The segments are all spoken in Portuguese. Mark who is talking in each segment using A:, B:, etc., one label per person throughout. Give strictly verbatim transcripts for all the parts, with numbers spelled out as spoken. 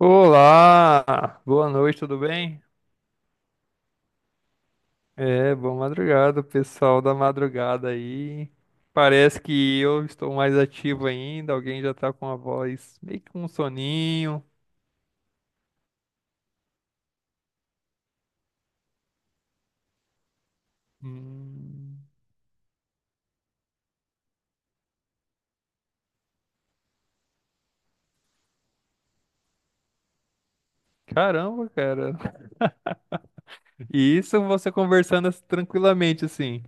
A: Olá, boa noite, tudo bem? É, boa madrugada, pessoal da madrugada aí. Parece que eu estou mais ativo ainda, alguém já tá com a voz meio que com um soninho. Hum, caramba, cara. E isso você conversando assim, tranquilamente assim.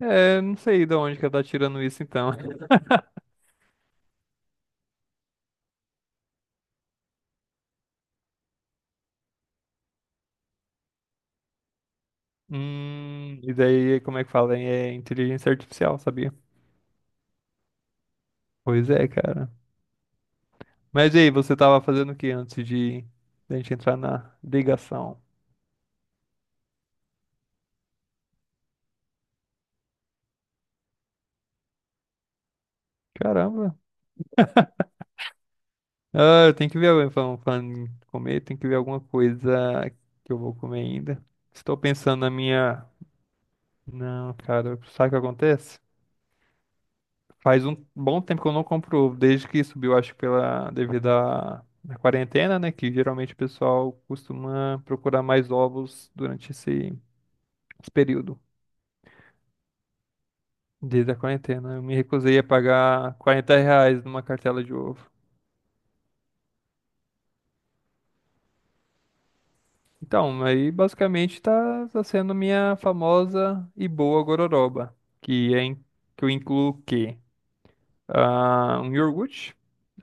A: É, não sei de onde que ela tá tirando isso então. Hum, e daí, como é que fala? É inteligência artificial, sabia? Pois é, cara. Mas e aí, você tava fazendo o que antes de da gente entrar na ligação? Caramba. Ah, eu tenho que ver, alguém falando, falando em comer, tem que ver alguma coisa que eu vou comer ainda. Estou pensando na minha. Não, cara, sabe o que acontece? Faz um bom tempo que eu não compro ovo, desde que subiu, acho que pela devido à à quarentena, né? Que geralmente o pessoal costuma procurar mais ovos durante esse, esse período. Desde a quarentena. Eu me recusei a pagar quarenta reais numa cartela de ovo. Então, aí basicamente tá, tá sendo minha famosa e boa gororoba, que é em- que eu incluo o quê? Ah, um iogurte,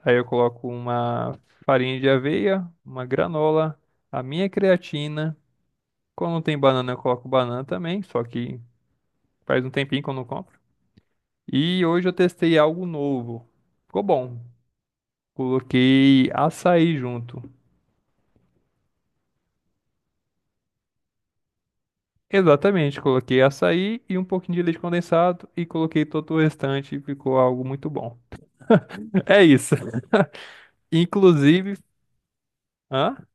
A: aí eu coloco uma farinha de aveia, uma granola, a minha creatina. Quando não tem banana, eu coloco banana também, só que faz um tempinho que eu não compro. E hoje eu testei algo novo. Ficou bom. Coloquei açaí junto. Exatamente, coloquei açaí e um pouquinho de leite condensado e coloquei todo o restante e ficou algo muito bom. É isso. Inclusive, hã?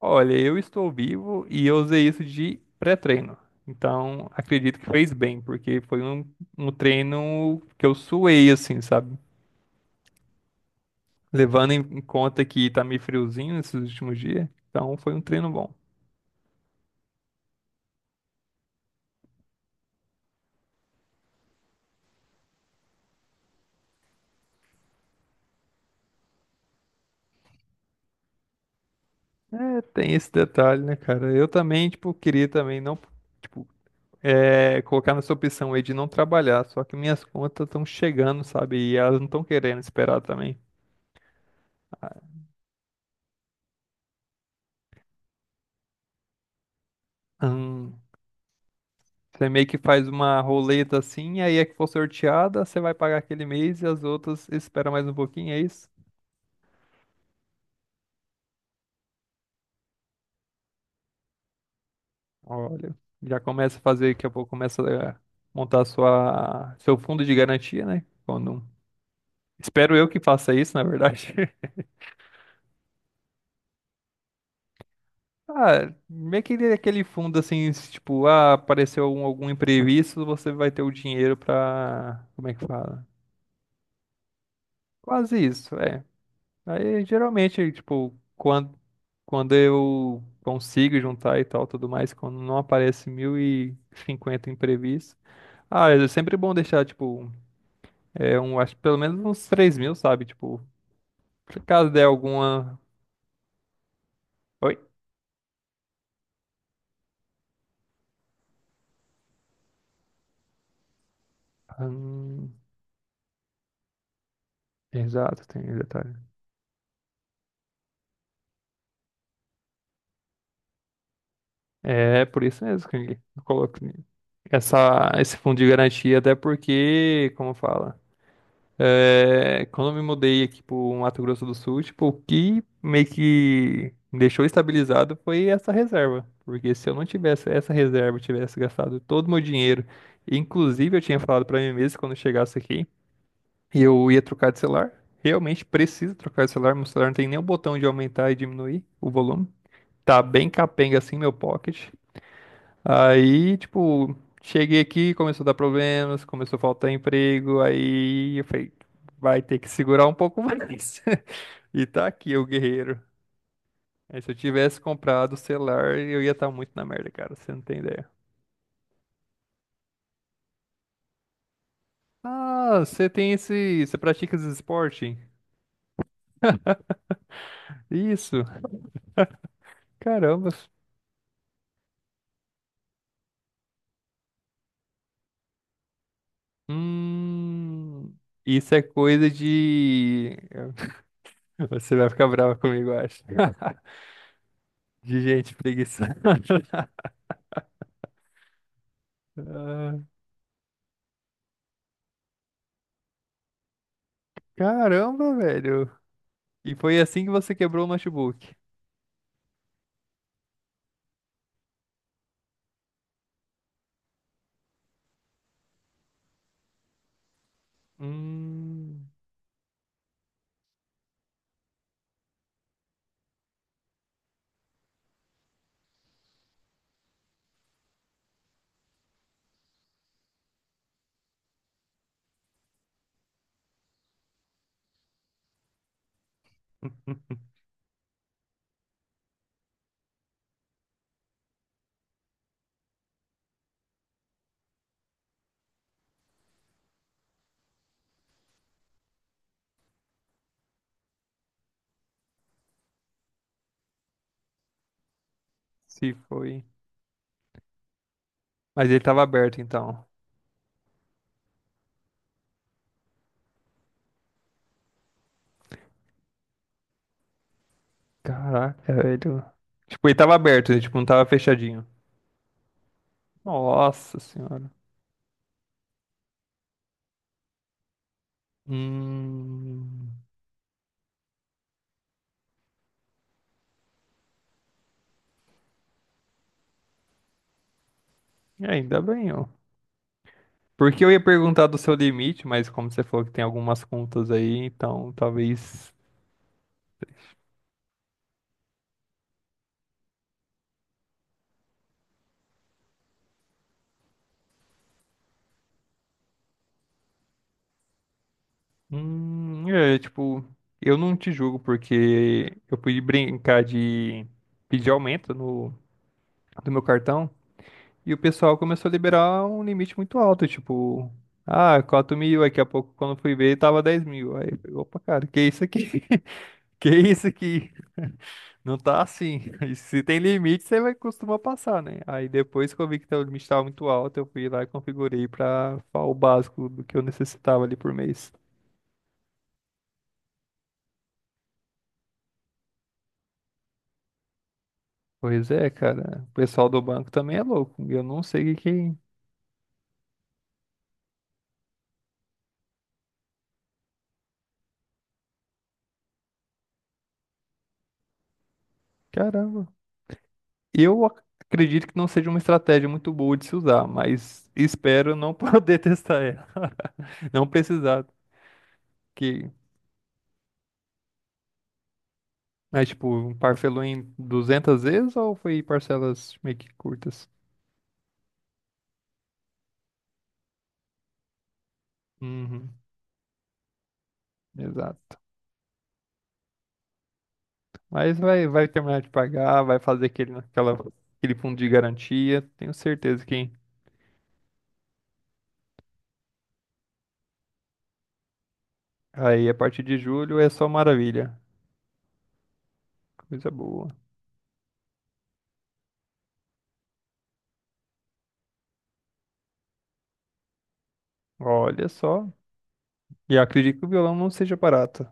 A: Olha, eu estou vivo e eu usei isso de pré-treino. Então, acredito que fez bem, porque foi um, um treino que eu suei, assim, sabe? Levando em em conta que tá meio friozinho esses últimos dias. Então, foi um treino bom. É, tem esse detalhe, né, cara? Eu também, tipo, queria também não. Tipo, é, colocar nessa opção aí de não trabalhar, só que minhas contas estão chegando, sabe? E elas não estão querendo esperar também. Hum, você meio que faz uma roleta assim, aí é que for sorteada, você vai pagar aquele mês e as outras espera mais um pouquinho, é isso? Olha, já começa a fazer, daqui a pouco começa a montar sua, seu fundo de garantia, né? Quando, espero eu que faça isso, na verdade. Ah, meio que ele- é aquele fundo assim, se, tipo, ah, apareceu algum, algum imprevisto, você vai ter o dinheiro pra. Como é que fala? Quase isso, é. Aí geralmente, tipo, quando, quando eu consigo juntar e tal, tudo mais, quando não aparece mil e cinquenta imprevistos. Ah, é sempre bom deixar, tipo, é, um, acho que pelo menos uns três mil, sabe? Tipo, se caso der alguma. Oi? Hum, exato, tem um detalhe. É por isso mesmo que eu coloco essa, esse fundo de garantia, até porque, como fala, é, quando eu me mudei aqui pro Mato Grosso do Sul, tipo, o que meio que me deixou estabilizado foi essa reserva. Porque se eu não tivesse essa reserva, eu tivesse gastado todo o meu dinheiro, inclusive eu tinha falado pra mim mesmo quando eu chegasse aqui, e eu ia trocar de celular. Realmente preciso trocar de celular, meu celular não tem nem o botão de aumentar e diminuir o volume. Tá bem capenga assim meu pocket. Aí, tipo, cheguei aqui, começou a dar problemas, começou a faltar emprego, aí eu falei, vai ter que segurar um pouco mais. E tá aqui o guerreiro. Aí, se eu tivesse comprado o celular, eu ia estar muito na merda, cara, você não tem ideia. Ah, você tem esse, você pratica esse esporte? Isso. Caramba. Hum, isso é coisa de você vai ficar brava comigo, eu acho. De gente preguiçosa. Ah, caramba, velho. E foi assim que você quebrou o notebook. Hum. Se foi. Mas ele tava aberto então. Caraca, velho. Tipo, ele tava aberto, ele, tipo, não tava fechadinho. Nossa senhora. Hum, ainda bem, ó. Porque eu ia perguntar do seu limite, mas como você falou que tem algumas contas aí, então talvez. Hum, é, tipo, eu não te julgo porque eu fui brincar de pedir aumento no, do meu cartão. E o pessoal começou a liberar um limite muito alto, tipo, ah, quatro mil, aí daqui a pouco, quando fui ver, tava dez mil. Aí, eu falei, opa, cara, que isso aqui? Que isso aqui? Não tá assim. Se tem limite, você vai costuma passar, né? Aí depois que eu vi que o limite tava muito alto, eu fui lá e configurei pra fa- o básico do que eu necessitava ali por mês. Pois é, cara, o pessoal do banco também é louco. Eu não sei o que que. Caramba. Eu ac- Acredito que não seja uma estratégia muito boa de se usar, mas espero não poder testar ela. Não precisar. Que, mas, tipo, parcelou em duzentas vezes ou foi parcelas meio que curtas? Uhum, exato. Mas vai, vai terminar de pagar, vai fazer aquele, aquela, aquele fundo de garantia. Tenho certeza que aí a partir de julho é só maravilha. Coisa boa. Olha só. E eu acredito que o violão não seja barato.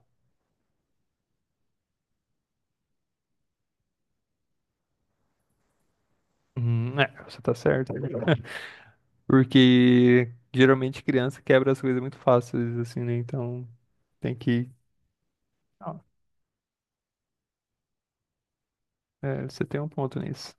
A: Hum, é, você tá certo. Porque geralmente criança quebra as coisas muito fáceis, assim, né? Então tem que. Ó, é, você tem um ponto nisso.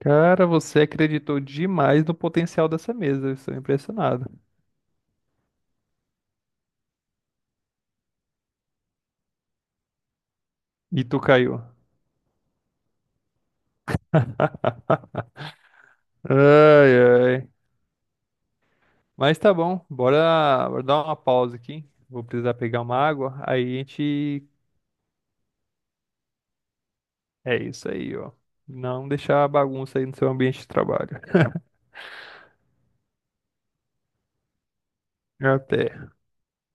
A: Cara, você acreditou demais no potencial dessa mesa. Eu estou impressionado. E tu caiu. Ai, ai. Mas tá bom. Bora, bora dar uma pausa aqui. Vou precisar pegar uma água. Aí a gente. É isso aí, ó. Não deixar a bagunça aí no seu ambiente de trabalho. Até.